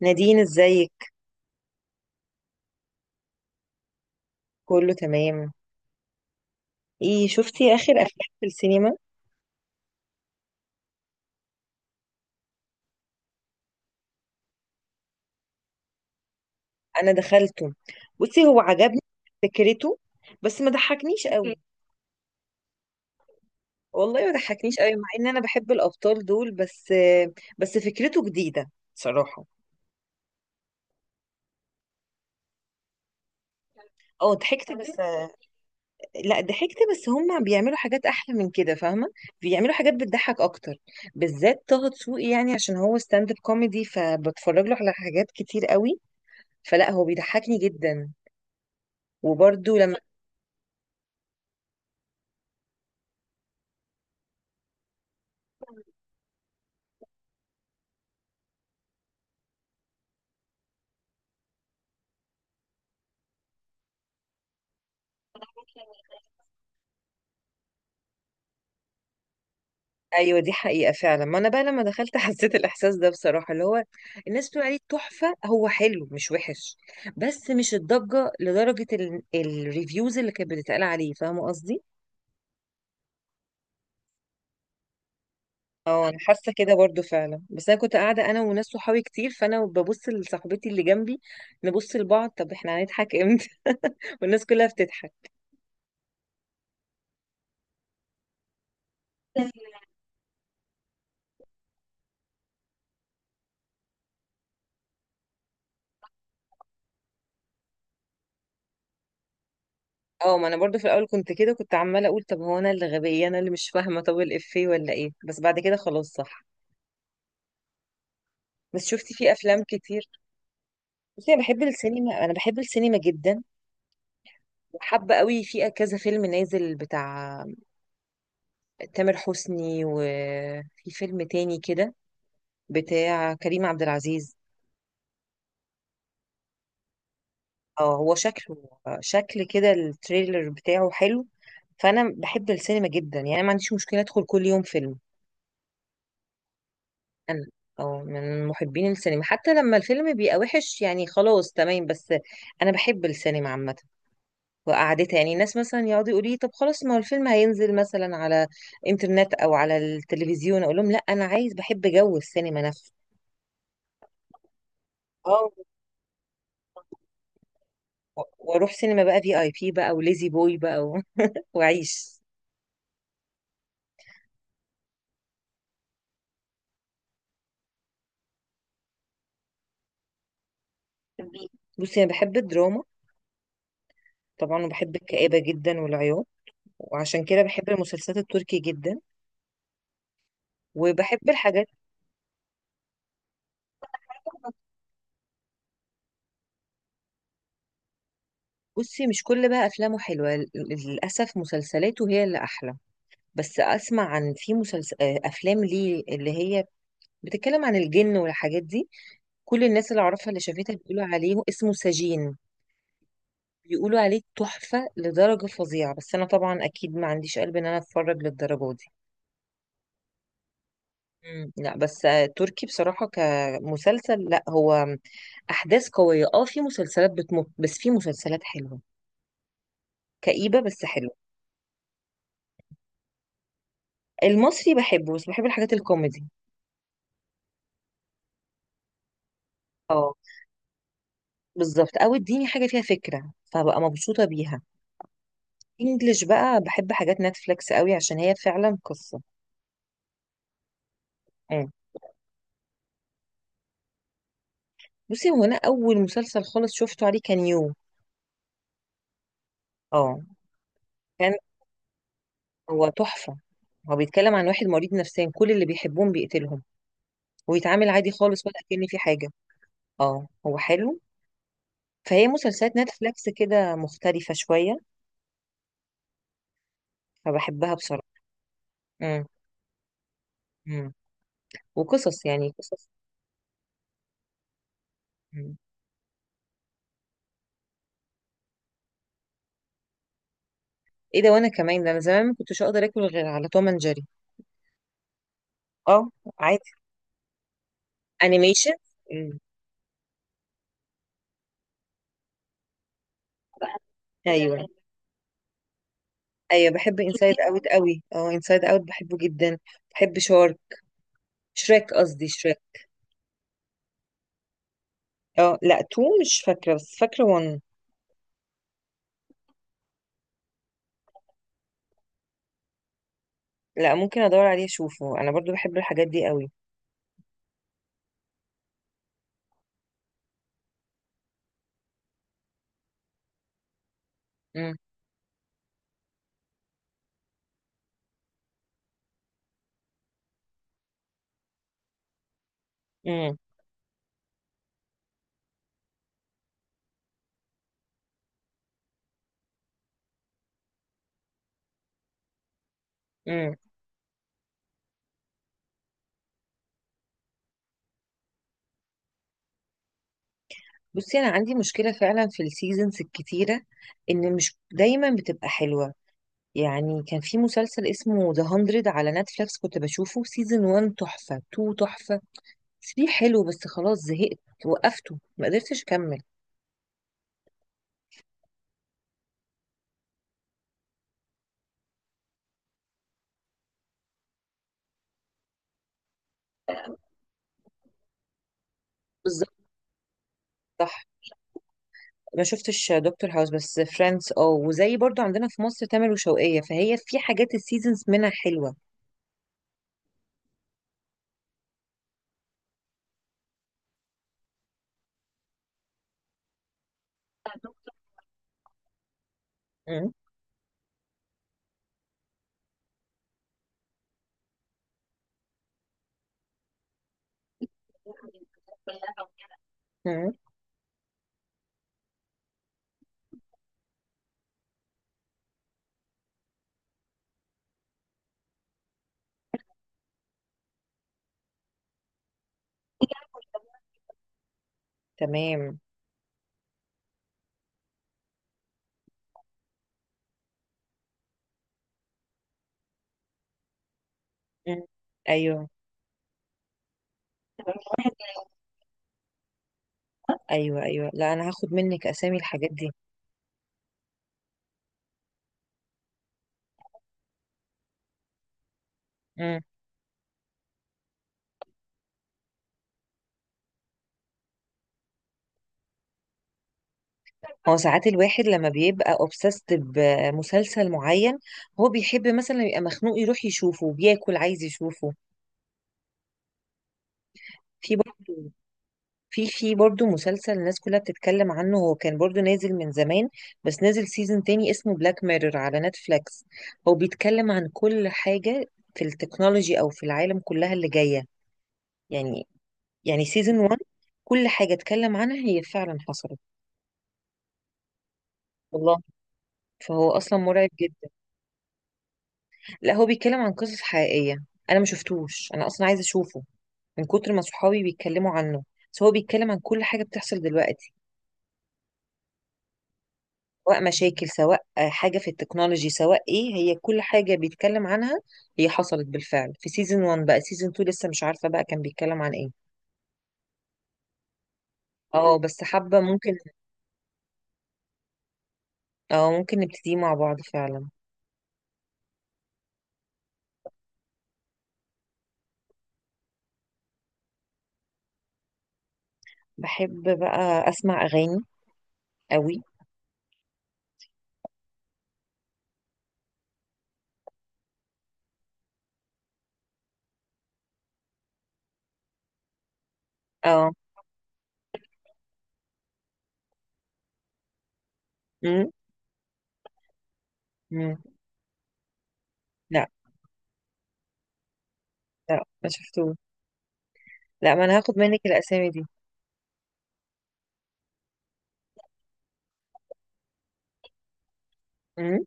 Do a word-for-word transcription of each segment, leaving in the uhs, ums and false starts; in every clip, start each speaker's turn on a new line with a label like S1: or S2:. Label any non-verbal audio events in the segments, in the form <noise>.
S1: نادين، ازيك؟ كله تمام. ايه، شفتي اخر افلام في السينما؟ انا دخلته. بصي، هو عجبني فكرته، بس ما ضحكنيش قوي. والله ما ضحكنيش قوي مع ان انا بحب الابطال دول، بس بس فكرته جديدة صراحة. اه، ضحكت بس. لا، ضحكت، بس هم بيعملوا حاجات احلى من كده، فاهمة؟ بيعملوا حاجات بتضحك اكتر، بالذات طه دسوقي. يعني عشان هو ستاند اب كوميدي، فبتفرج له على حاجات كتير قوي، فلا هو بيضحكني جدا. وبرده. لما... ايوه، دي حقيقة فعلا. ما انا بقى لما دخلت <laughs> حسيت الاحساس ده بصراحة، اللي هو الناس بتقول عليه تحفة. هو حلو، مش وحش، بس مش الضجة لدرجة ال... الريفيوز اللي كانت بتتقال عليه، فاهمة قصدي؟ اه، انا حاسة كده برضو فعلا. بس انا كنت قاعدة انا وناس صحابي كتير، فانا ببص لصاحبتي اللي جنبي، نبص لبعض، طب احنا هنضحك امتى؟ <laughs> والناس كلها بتضحك. <laughs> اه، ما انا برضو في الاول كنت كده، كنت عمالة اقول طب هو انا اللي غبية؟ انا اللي مش فاهمة؟ طب الافيه ولا ايه؟ بس بعد كده خلاص، صح. بس شفتي في افلام كتير؟ بصي، انا بحب السينما. انا بحب السينما جدا، وحابه قوي في كذا فيلم نازل، بتاع تامر حسني، وفي فيلم تاني كده بتاع كريم عبد العزيز. اه، هو شكله، شكل كده التريلر بتاعه حلو. فانا بحب السينما جدا. يعني أنا ما عنديش مشكله ادخل كل يوم فيلم. انا اه، من محبين السينما. حتى لما الفيلم بيبقى وحش، يعني خلاص تمام، بس انا بحب السينما عامه وقعدتها. يعني الناس مثلا يقعدوا يقولوا لي طب خلاص، ما هو الفيلم هينزل مثلا على انترنت او على التلفزيون، اقول لهم لا، انا عايز بحب جو السينما نفسه. اه، و- واروح سينما بقى في اي بي بقى، وليزي بوي بقى و... <laughs> واعيش. بي- بصي، انا بحب الدراما طبعا، وبحب الكآبة جدا والعياط، وعشان كده بحب المسلسلات التركي جدا، وبحب الحاجات. <laughs> بصي مش كل بقى افلامه حلوة، ل- للاسف مسلسلاته هي اللي احلى. بس اسمع عن، في مسلسل آه، افلام ليه اللي هي بتتكلم عن الجن والحاجات دي. كل الناس اللي اعرفها اللي شافتها بيقولوا عليه، اسمه سجين. بيقولوا عليه تحفة لدرجة فظيعة، بس انا طبعا اكيد ما عنديش قلب ان انا اتفرج للدرجة دي. مم. لا، بس آه، تركي بصراحة كمسلسل، لا هو احداث قوية. اه، في مسلسلات بتمط، بس في مسلسلات حلوة، كئيبة بس حلوة. المصري بحبه، بس بحب الحاجات الكوميدي. اه، بالظبط. او اديني حاجة فيها فكرة فبقى مبسوطة بيها. انجلش بقى بحب حاجات نتفليكس قوي عشان هي فعلا قصة. بصي، هو انا اول مسلسل خالص شفته عليه كان يو. اه، كان، هو تحفه. هو بيتكلم عن واحد مريض نفسيا، كل اللي بيحبهم بيقتلهم ويتعامل عادي خالص، ولا كأن في حاجه. اه، هو حلو. فهي مسلسلات نتفليكس كده مختلفه شويه، فبحبها بصراحه. امم. امم. وقصص، يعني قصص. مم. ايه ده؟ وانا كمان، ده انا زمان ما كنتش اقدر اكل غير على توم اند جيري. اه. عادي. انيميشن. مم. ايوه. ايوه، بحب انسايد اوت قوي. اه، انسايد اوت بحبه جدا. بحب شارك، شريك قصدي، شريك. اه لا، تو مش فاكرة، بس فاكرة وان. لا، ممكن ادور عليه اشوفه، انا برضو بحب الحاجات دي قوي. مم. مم. مم. بصي انا عندي مشكلة فعلا في السيزونز الكتيرة، ان مش دايما بتبقى حلوة. يعني كان في مسلسل اسمه ذا مية على نتفليكس، كنت بشوفه سيزون واحد تحفة، اتنين تحفة، تلاتة حلو، بس خلاص زهقت وقفته ما قدرتش اكمل. بالظبط. صح. ما شفتش دكتور هاوس، بس فريندز اه، وزي برضو عندنا في مصر تامر وشوقية، فهي في حاجات السيزونز منها حلوة. مم. مم. تمام. مم. ايوه. ايوه. ايوه، لا انا هاخد منك اسامي الحاجات دي. مم. هو ساعات الواحد لما بيبقى obsessed بمسلسل معين، هو بيحب مثلا يبقى مخنوق، يروح يشوفه، بياكل عايز يشوفه. في برضه، في في برضه مسلسل الناس كلها بتتكلم عنه، هو كان برضه نازل من زمان، بس نازل سيزون تاني، اسمه بلاك ميرور على نتفليكس. هو بيتكلم عن كل حاجة في التكنولوجي أو في العالم كلها اللي جاية. يعني يعني سيزون واحد كل حاجة اتكلم عنها هي فعلا حصلت. والله. فهو أصلا مرعب جدا. لا، هو بيتكلم عن قصص حقيقية. أنا ما شفتوش، أنا أصلا عايزة أشوفه من كتر ما صحابي بيتكلموا عنه. بس هو بيتكلم عن كل حاجة بتحصل دلوقتي، سواء مشاكل، سواء آه، حاجة في التكنولوجي، سواء ايه. هي كل حاجة بيتكلم عنها هي حصلت بالفعل في سيزون واحد. بقى سيزون اتنين لسه مش عارفة بقى كان بيتكلم عن ايه. اه، بس حابة، ممكن. اه، ممكن نبتدي مع بعض فعلا. بحب بقى اسمع اغاني قوي. اه. امم. امم. لا. لا، ما شفتوش. لا، ما انا هاخد منك الاسامي دي. امم.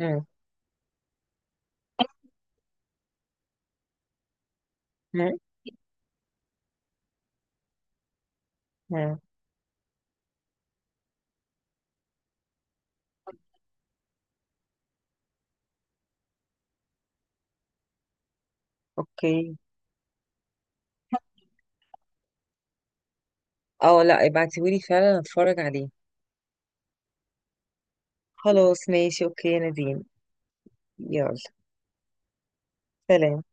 S1: امم. امم. أمم. اوكي. اه، لا، ابعتيهولي فعلا اتفرج عليه. خلاص ماشي، اوكي يا نادين. يلا. سلام.